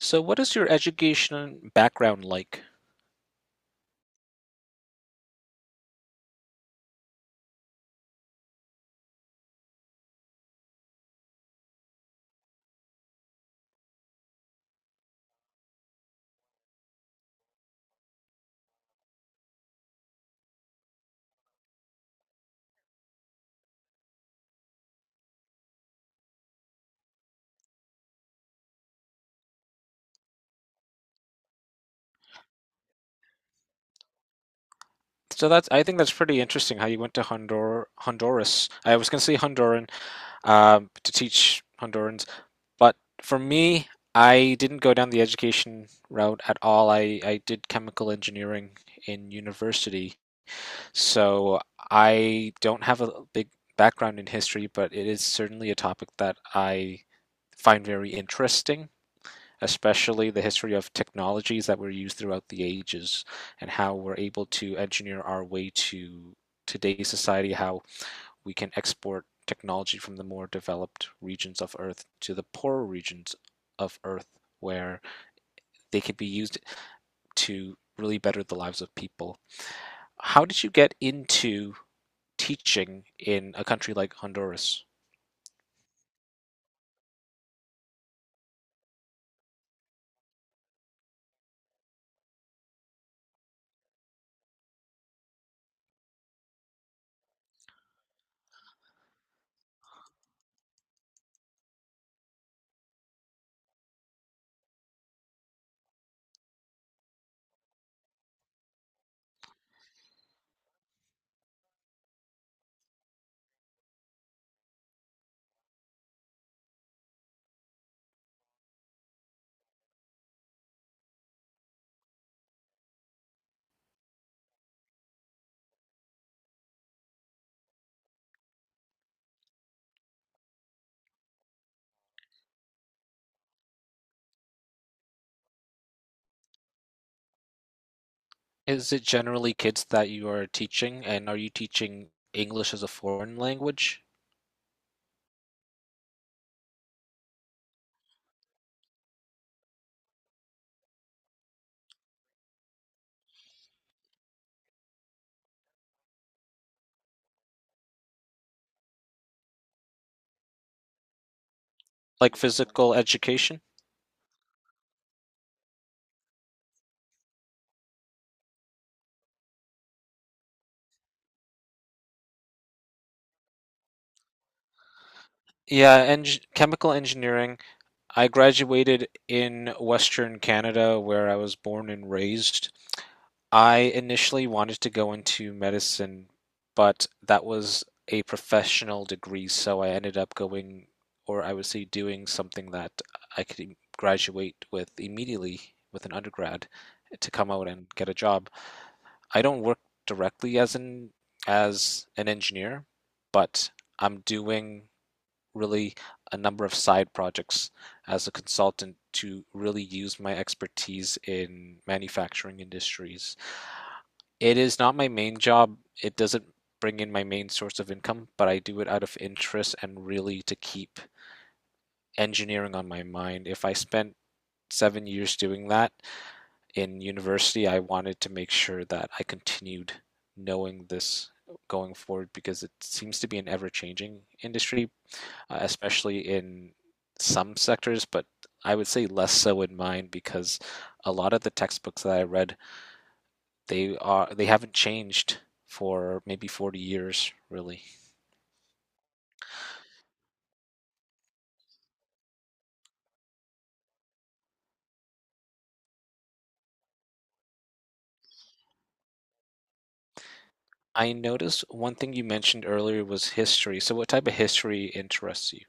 So what is your education background like? So that's I think that's pretty interesting how you went to Honduras. I was gonna say Honduran to teach Hondurans, but for me, I didn't go down the education route at all. I did chemical engineering in university, so I don't have a big background in history, but it is certainly a topic that I find very interesting. Especially the history of technologies that were used throughout the ages and how we're able to engineer our way to today's society, how we can export technology from the more developed regions of Earth to the poorer regions of Earth where they could be used to really better the lives of people. How did you get into teaching in a country like Honduras? Is it generally kids that you are teaching, and are you teaching English as a foreign language? Like physical education? Yeah, eng chemical engineering. I graduated in Western Canada where I was born and raised. I initially wanted to go into medicine, but that was a professional degree, so I ended up going, or I would say doing something that I could graduate with immediately with an undergrad to come out and get a job. I don't work directly as an engineer, but I'm doing really a number of side projects as a consultant to really use my expertise in manufacturing industries. It is not my main job. It doesn't bring in my main source of income, but I do it out of interest and really to keep engineering on my mind. If I spent 7 years doing that in university, I wanted to make sure that I continued knowing this going forward because it seems to be an ever changing industry, especially in some sectors, but I would say less so in mine because a lot of the textbooks that I read they haven't changed for maybe 40 years, really. I noticed one thing you mentioned earlier was history. So what type of history interests you?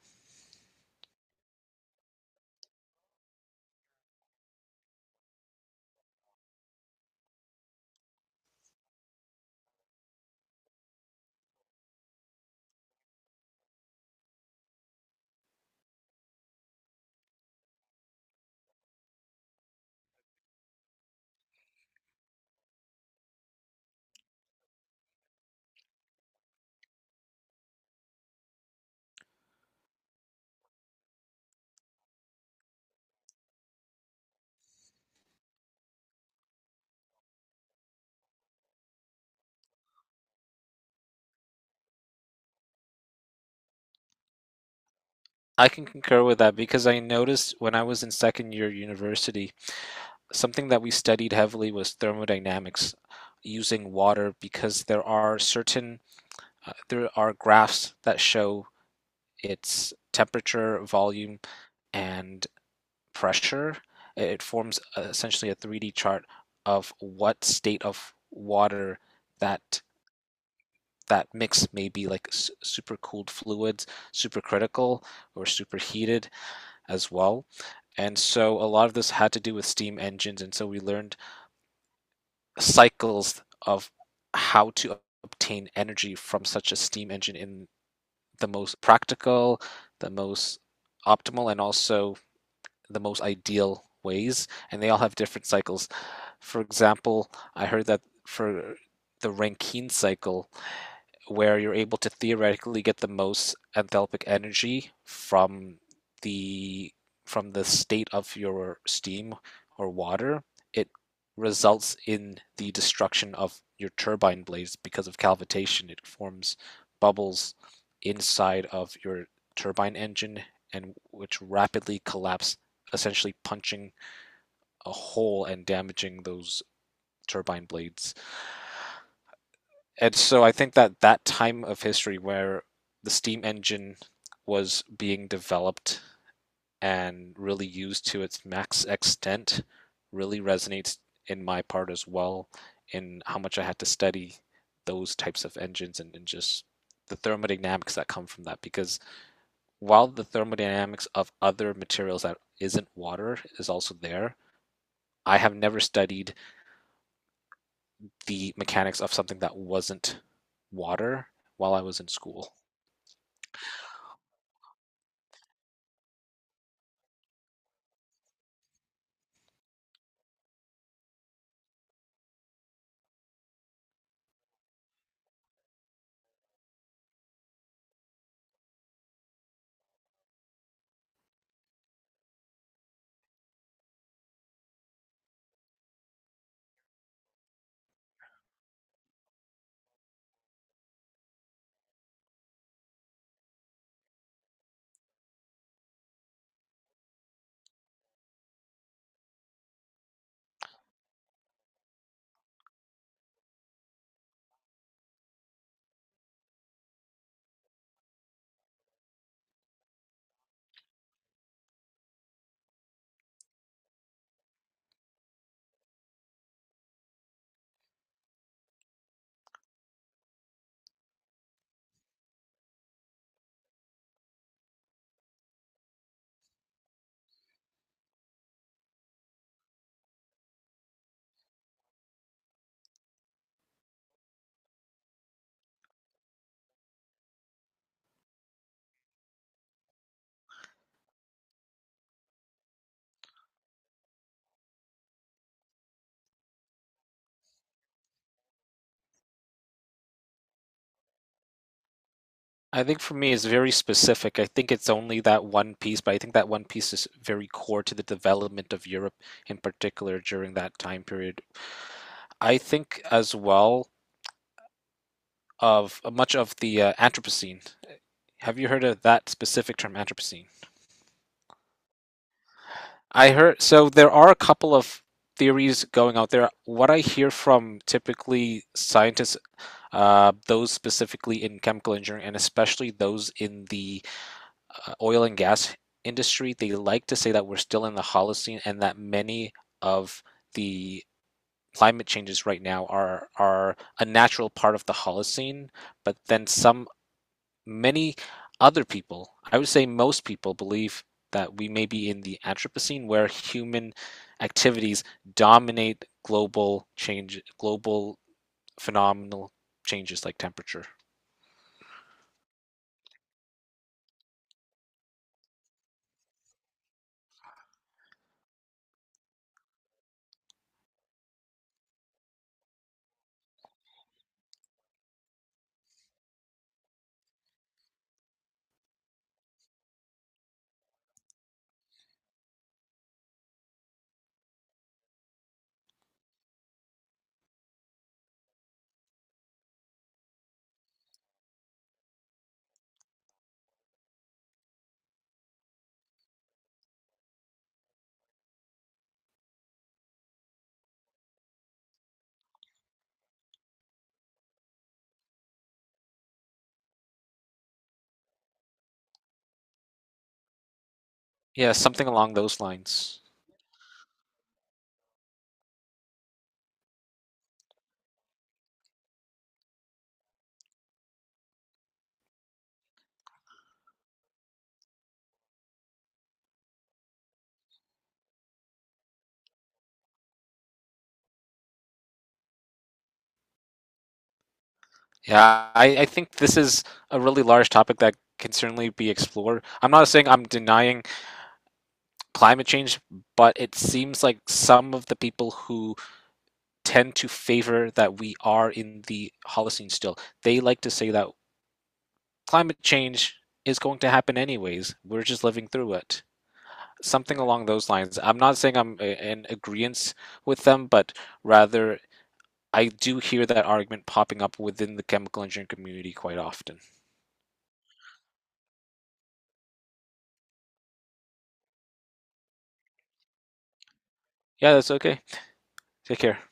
I can concur with that because I noticed when I was in second year university, something that we studied heavily was thermodynamics using water because there are graphs that show its temperature, volume, and pressure. It forms essentially a 3D chart of what state of water that that mix may be, like supercooled fluids, supercritical, or superheated as well. And so a lot of this had to do with steam engines, and so we learned cycles of how to obtain energy from such a steam engine in the most practical, the most optimal, and also the most ideal ways, and they all have different cycles. For example, I heard that for the Rankine cycle, where you're able to theoretically get the most enthalpic energy the from the state of your steam or water, it results in the destruction of your turbine blades because of cavitation. It forms bubbles inside of your turbine engine and which rapidly collapse, essentially punching a hole and damaging those turbine blades. And so I think that that time of history where the steam engine was being developed and really used to its max extent really resonates in my part as well in how much I had to study those types of engines and, just the thermodynamics that come from that because while the thermodynamics of other materials that isn't water is also there, I have never studied the mechanics of something that wasn't water while I was in school. I think for me, it's very specific. I think it's only that one piece, but I think that one piece is very core to the development of Europe in particular during that time period. I think as well of much of the Anthropocene. Have you heard of that specific term, Anthropocene? I heard, so there are a couple of theories going out there. What I hear from typically scientists, those specifically in chemical engineering, and especially those in the oil and gas industry, they like to say that we're still in the Holocene and that many of the climate changes right now are a natural part of the Holocene, but then some many other people, I would say most people believe that we may be in the Anthropocene where human activities dominate global change, global phenomenal changes like temperature. Yeah, something along those lines. Yeah, I think this is a really large topic that can certainly be explored. I'm not saying I'm denying climate change, but it seems like some of the people who tend to favor that we are in the Holocene still, they like to say that climate change is going to happen anyways. We're just living through it. Something along those lines. I'm not saying in agreement with them, but rather I do hear that argument popping up within the chemical engineering community quite often. Yeah, that's okay. Take care.